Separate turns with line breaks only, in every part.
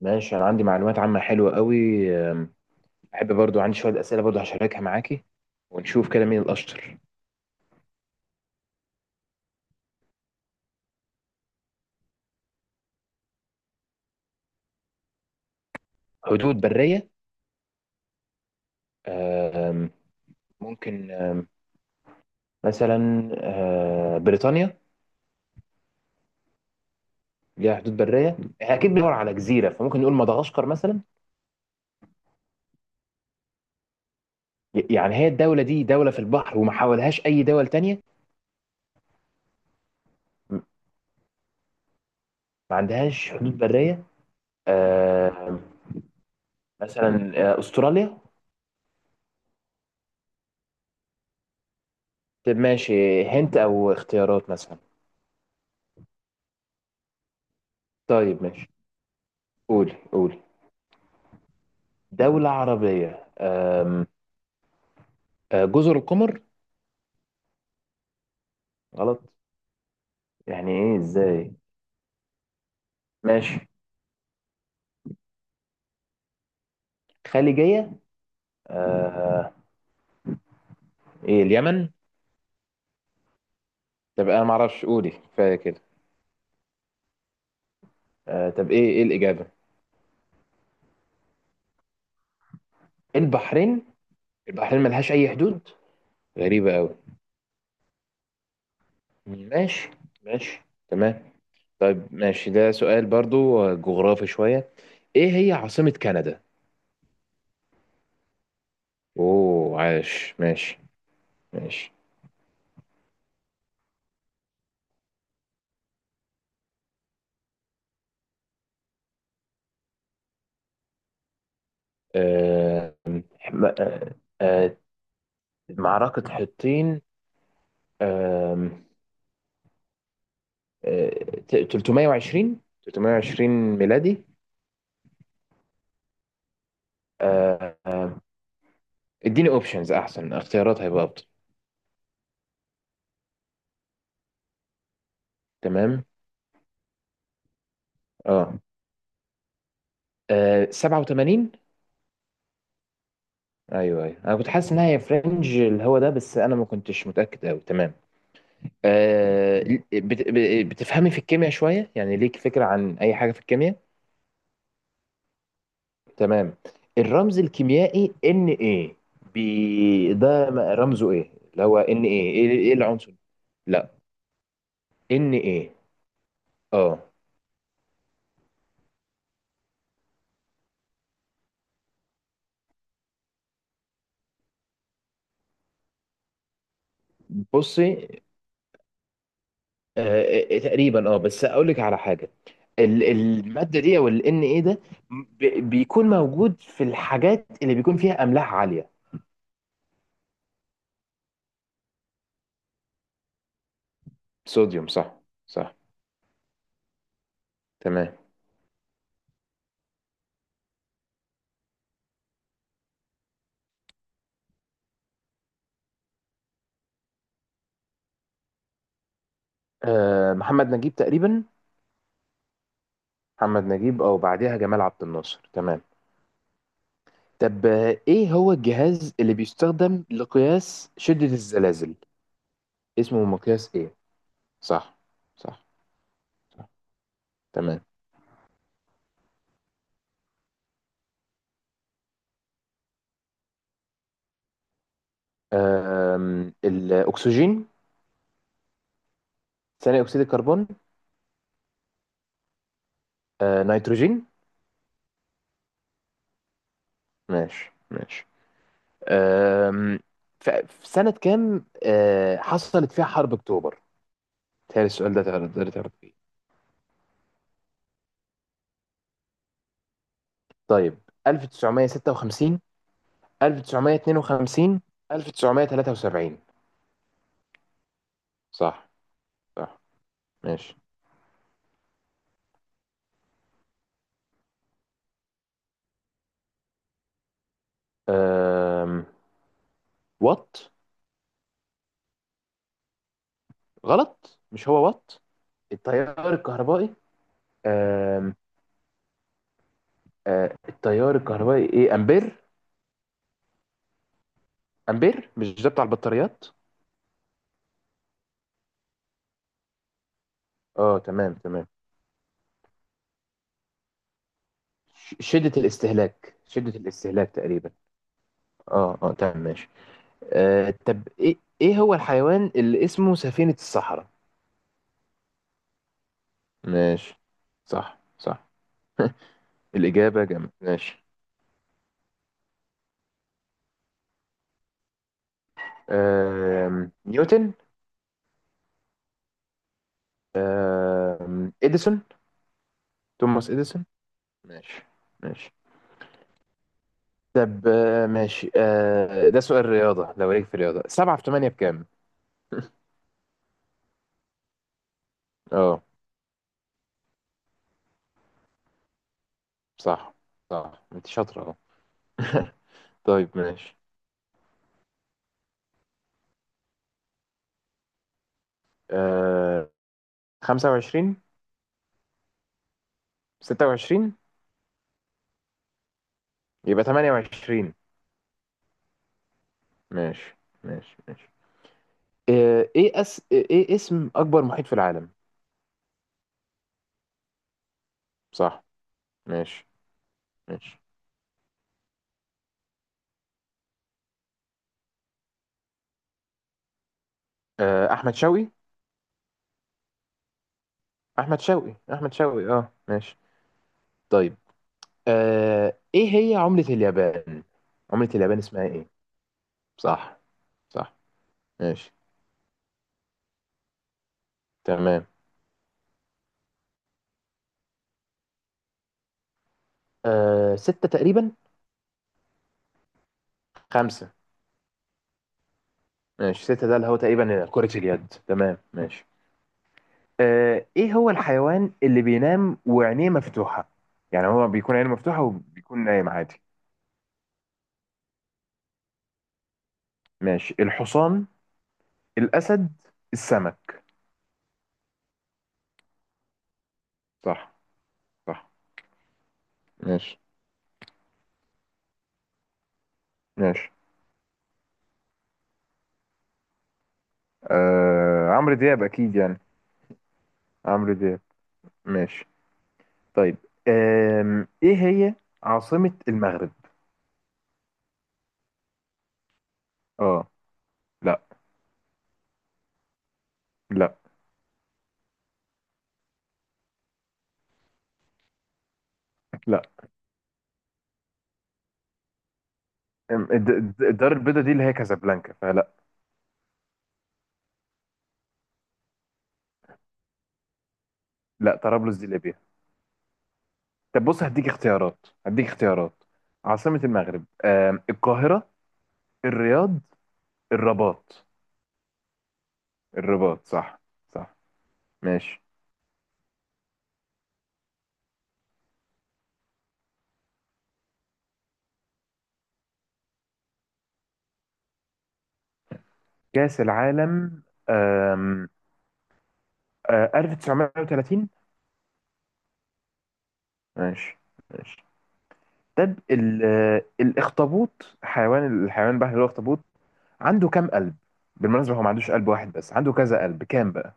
ماشي، انا عندي معلومات عامة حلوة قوي. أم، احب برضو، عندي شوية اسئلة برضو هشاركها معاكي، ونشوف كده مين الاشطر. حدود برية؟ أم، ممكن مثلا بريطانيا. ليها حدود برية. احنا اكيد بندور على جزيرة، فممكن نقول مدغشقر مثلا. يعني هي الدولة دي دولة في البحر وما حاولهاش اي دول تانية. م- ما عندهاش حدود برية. أم، مثلا استراليا. طب ماشي، هنت او اختيارات مثلا. طيب ماشي. قولي قولي. دولة عربية، أم، أه، جزر القمر. غلط. يعني ايه، ازاي؟ ماشي. خليجية. أه، ايه، اليمن؟ طب انا معرفش، قولي كفاية كده. طب ايه ايه الإجابة؟ البحرين. البحرين ملهاش أي حدود؟ غريبة أوي. ماشي ماشي تمام. طيب ماشي، ده سؤال برضو جغرافي شوية. ايه هي عاصمة كندا؟ اوه، عاش. ماشي ماشي. أه، م- أه، معركة حطين. آه، 320 320 ميلادي. آه، آه، اديني اوبشنز، احسن اختيارات هيبقى افضل. تمام. اه، 87. ايوه ايوه، انا كنت حاسس انها هي فرنج اللي هو ده، بس انا ما كنتش متاكد قوي. تمام. آه، بتفهمي في الكيمياء شويه؟ يعني ليك فكره عن اي حاجه في الكيمياء؟ تمام. الرمز الكيميائي ان ايه. بي ده رمزه ايه؟ اللي هو ان ايه، ايه إيه العنصر؟ لا، ان ايه. اه. بصي، تقريبا اه، بس اقول لك على حاجه. الماده دي، او ال ان ايه ده، بيكون موجود في الحاجات اللي بيكون فيها املاح عاليه. صوديوم، صح. صح تمام. آه، محمد نجيب تقريبا. محمد نجيب او بعدها جمال عبد الناصر. تمام. طب ايه هو الجهاز اللي بيستخدم لقياس شده الزلازل؟ اسمه مقياس ايه؟ صح صح صح تمام. الاكسجين. ثاني اكسيد الكربون. نيتروجين. ماشي ماشي. أم، في سنة كام حصلت فيها حرب أكتوبر؟ تهيألي السؤال ده تقدر تعرف فيه. طيب، 1956، 1952، 1973؟ صح صح ماشي. أم، وات. غلط؟ مش هو وات؟ التيار الكهربائي. أم، أه، التيار الكهربائي، ايه، امبير. امبير؟ مش ده بتاع البطاريات؟ اه تمام تمام. شدة الاستهلاك، شدة الاستهلاك تقريبا. اه اه تمام ماشي. طب ايه ايه هو الحيوان اللي اسمه سفينة الصحراء؟ ماشي، صح صح. الإجابة جامد، ماشي. نيوتن. إديسون. توماس إديسون. ماشي ماشي. طب ماشي، ده سؤال رياضة، لو ليك في الرياضة، سبعة في تمانية بكام؟ اه. صح صح، انت شاطرة اهو. طيب ماشي. آه، 25. 26. يبقى 28. ماشي ماشي ماشي. ايه اسم اكبر محيط في العالم؟ صح. ماشي ماشي. احمد شوقي، احمد شوقي، احمد شوقي، اه ماشي. طيب ايه هي عملة اليابان؟ عملة اليابان اسمها ايه؟ صح صح. ماشي تمام. ستة تقريبا. خمسة. ماشي، ستة ده اللي هو تقريبا كرة اليد. تمام ماشي. ايه هو الحيوان اللي بينام وعينيه مفتوحة؟ يعني هو بيكون عينه مفتوحة وبيكون نايم عادي. ماشي، الحصان، الأسد، السمك. صح صح. ماشي ماشي. عمرو دياب أكيد يعني. عمرو دياب. ماشي طيب. إيه هي عاصمة المغرب؟ اه. لا. لا. لا. الدار البيضاء دي اللي هي كازابلانكا، فلا. لا، طرابلس دي ليبيا. طب بص، هديك اختيارات هديك اختيارات. عاصمة المغرب، القاهرة، الرياض، الرباط. الرباط، صح. صح ماشي. كأس العالم، آه، 1930. ماشي ماشي. طب الاخطبوط، حيوان، الحيوان البحري اللي هو الاخطبوط، عنده كام قلب؟ بالمناسبة هو ما عندوش قلب واحد بس عنده كذا قلب. كام بقى؟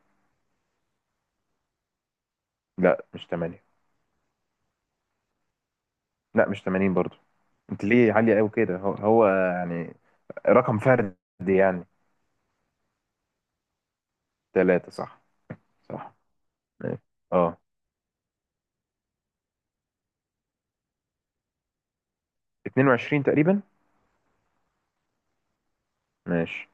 لا، مش 8. لا، مش 80 برضو. انت ليه عالية قوي كده؟ هو يعني رقم فردي يعني. ثلاثة، صح. صح ماشي. اه. 22 تقريبا. ماشي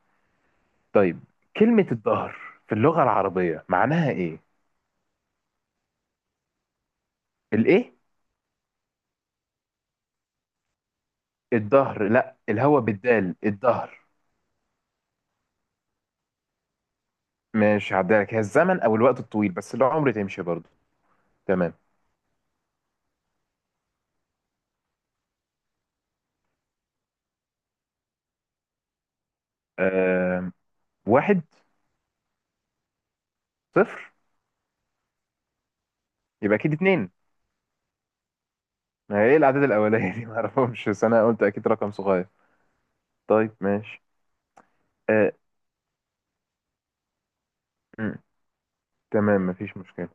طيب، كلمة الظهر في اللغة العربية معناها ايه؟ الايه؟ الظهر، لا الهوا بالدال، الظهر. ماشي، هعديها لك، هي الزمن او الوقت الطويل، بس العمر تمشي برضو. تمام. آه واحد. صفر. يبقى اكيد اتنين. ما هي ايه الاعداد الاوليه دي، ما اعرفهمش، بس انا قلت اكيد رقم صغير. طيب ماشي. آه م، تمام، مفيش مشكله.